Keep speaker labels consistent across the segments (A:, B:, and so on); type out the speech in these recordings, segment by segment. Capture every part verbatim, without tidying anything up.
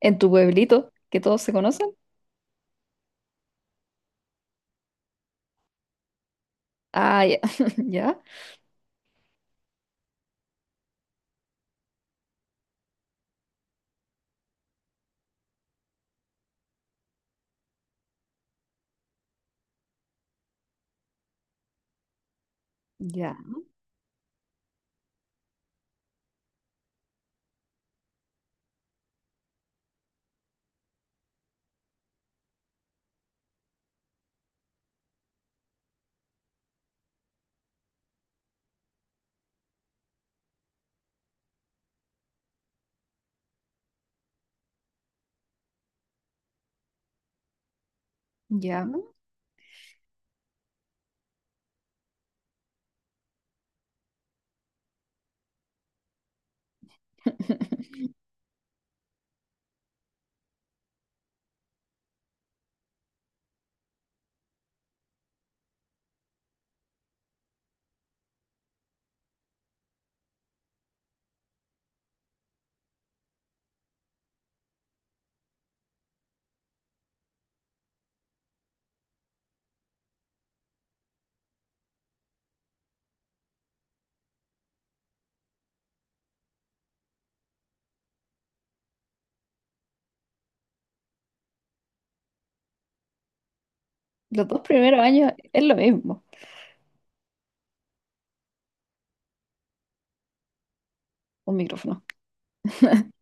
A: En tu pueblito, que todos se conocen. Ah, ya, ya, ya, ya. Los dos primeros años es lo mismo, un micrófono.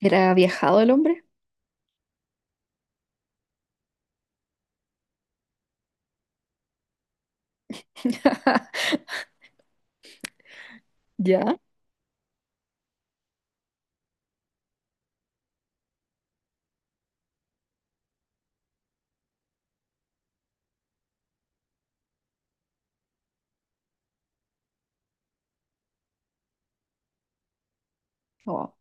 A: ¿Era viajado el hombre? Ya. Oh.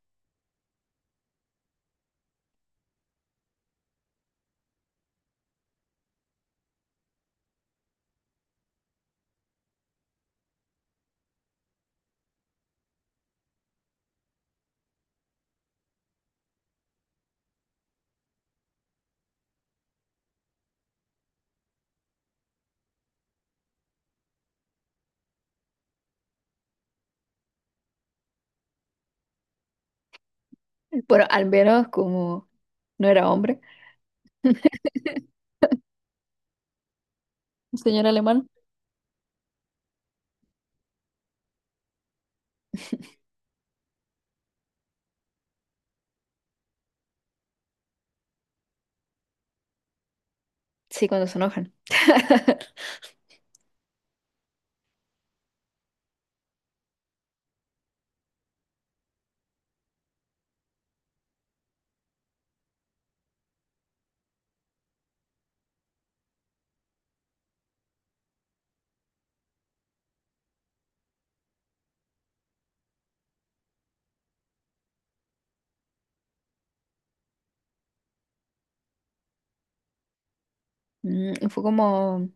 A: Bueno, al menos como no era hombre, un señor alemán. Sí, cuando se enojan. Mm, fue como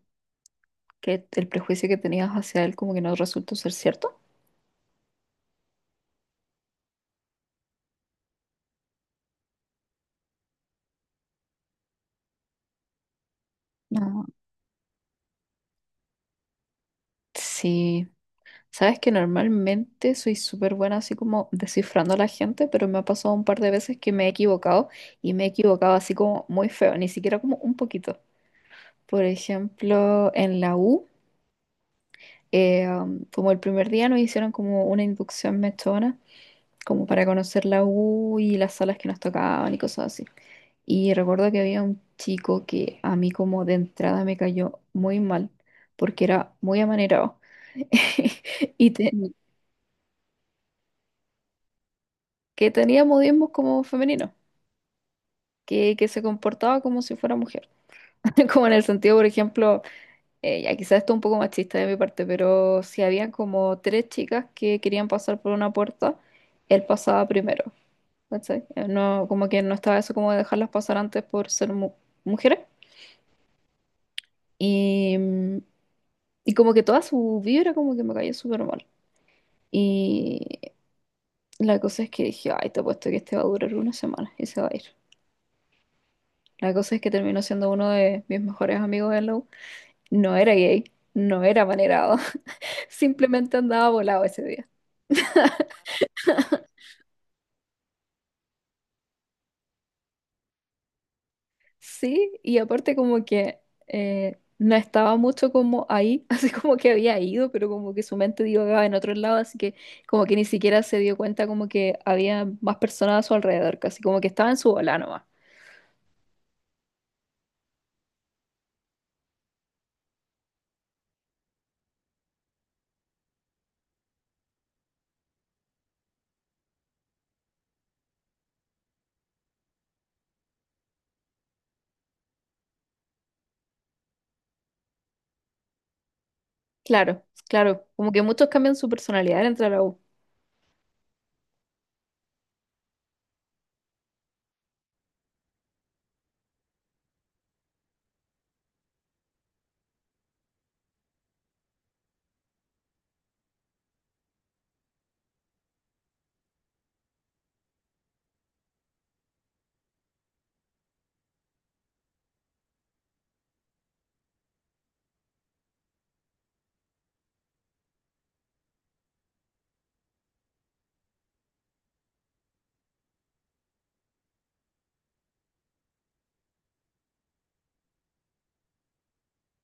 A: que el prejuicio que tenías hacia él como que no resultó ser cierto. No. Sí. Sabes que normalmente soy súper buena así como descifrando a la gente, pero me ha pasado un par de veces que me he equivocado y me he equivocado así como muy feo, ni siquiera como un poquito. Por ejemplo, en la U, eh, um, como el primer día nos hicieron como una inducción mechona, como para conocer la U y las salas que nos tocaban y cosas así. Y recuerdo que había un chico que a mí como de entrada me cayó muy mal, porque era muy amanerado. Y, te- que tenía modismos como femeninos, que, que se comportaba como si fuera mujer. Como en el sentido, por ejemplo, eh, ya, quizás esto es un poco machista de mi parte, pero si habían como tres chicas que querían pasar por una puerta, él pasaba primero. ¿Cachai? Eh, No, como que no estaba eso como de dejarlas pasar antes por ser mu- mujeres. Y, mm, y como que toda su vibra como que me cayó súper mal. Y la cosa es que dije, ay, te apuesto que este va a durar una semana y se va a ir. La cosa es que terminó siendo uno de mis mejores amigos en la U. No era gay, no era manerado, simplemente andaba volado ese día. Sí, y aparte como que eh, no estaba mucho como ahí, así como que había ido, pero como que su mente divagaba en otro lado, así que como que ni siquiera se dio cuenta como que había más personas a su alrededor, casi como que estaba en su bola nomás. Claro, claro, como que muchos cambian su personalidad entre la U.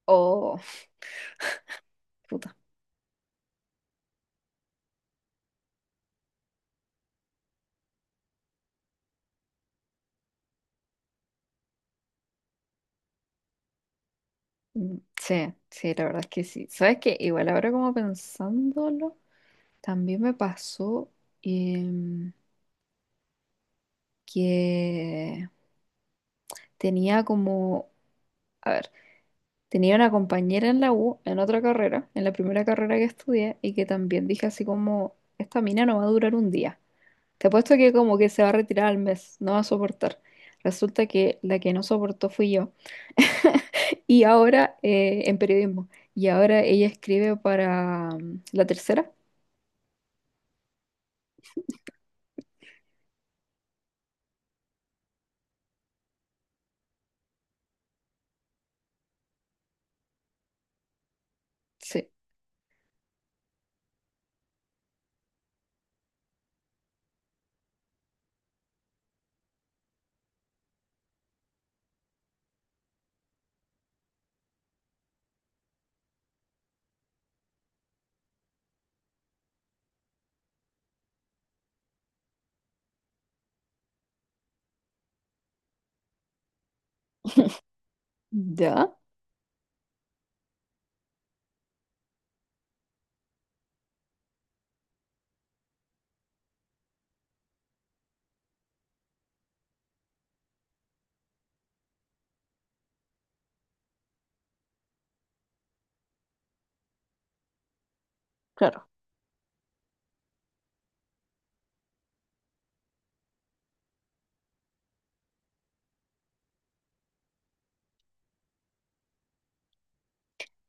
A: Oh, puta. Mm, sí, sí, la verdad es que sí. ¿Sabes qué? Igual ahora como pensándolo, también me pasó em, que tenía como, a ver, tenía una compañera en la U, en otra carrera, en la primera carrera que estudié, y que también dije así como, esta mina no va a durar un día. Te apuesto que como que se va a retirar al mes, no va a soportar. Resulta que la que no soportó fui yo. Y ahora eh, en periodismo. Y ahora ella escribe para mm, La Tercera. Sí, ya, claro.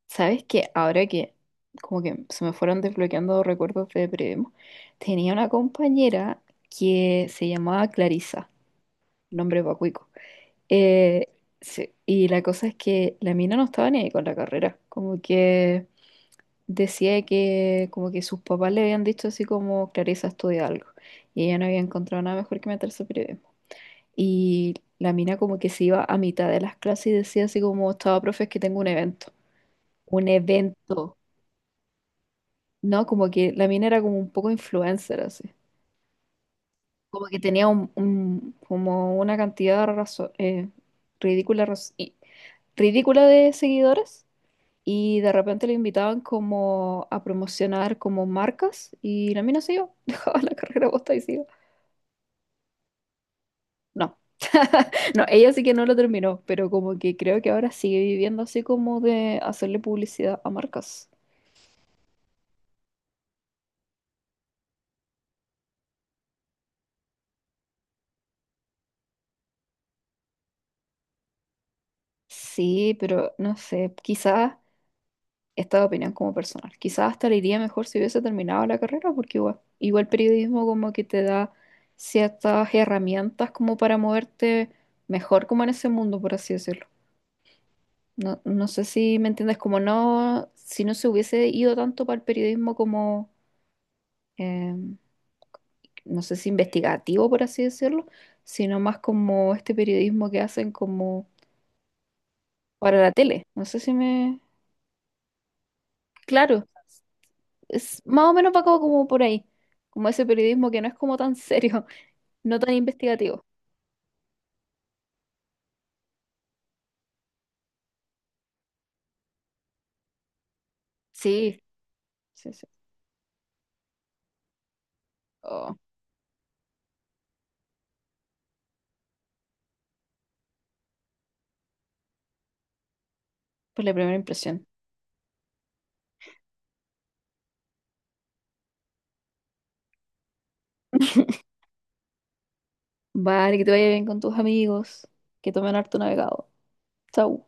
A: ¿Sabes que ahora que como que se me fueron desbloqueando recuerdos de Primo, tenía una compañera que se llamaba Clarisa, nombre pacuico. Eh, sí, y la cosa es que la mina no estaba ni ahí con la carrera, como que decía que como que sus papás le habían dicho así como, Clarisa, estudia algo, y ella no había encontrado nada mejor que meterse a periodismo. Y la mina como que se iba a mitad de las clases y decía así como, estaba, profe, es que tengo un evento. Un evento, ¿no? Como que la mina era como un poco influencer, así. Como que tenía un, un- como una cantidad razo- eh, ridícula, raz- y- ridícula de seguidores, y de repente le invitaban como a promocionar como marcas y la mina se iba, dejaba la carrera posta y se iba. No. No, ella sí que no lo terminó, pero como que creo que ahora sigue viviendo así como de hacerle publicidad a marcas. Sí, pero no sé, quizás esta opinión como personal. Quizás hasta le iría mejor si hubiese terminado la carrera, porque igual, igual periodismo como que te da ciertas herramientas como para moverte mejor como en ese mundo, por así decirlo. No, no sé si me entiendes, como no, si no se hubiese ido tanto para el periodismo como, eh, no sé si investigativo, por así decirlo, sino más como este periodismo que hacen como para la tele. No sé si me... Claro, es más o menos va como, como por ahí, como ese periodismo que no es como tan serio, no tan investigativo. Sí, sí, sí. Oh, pues la primera impresión. Vale, que te vaya bien con tus amigos, que tomen harto navegado. Chau.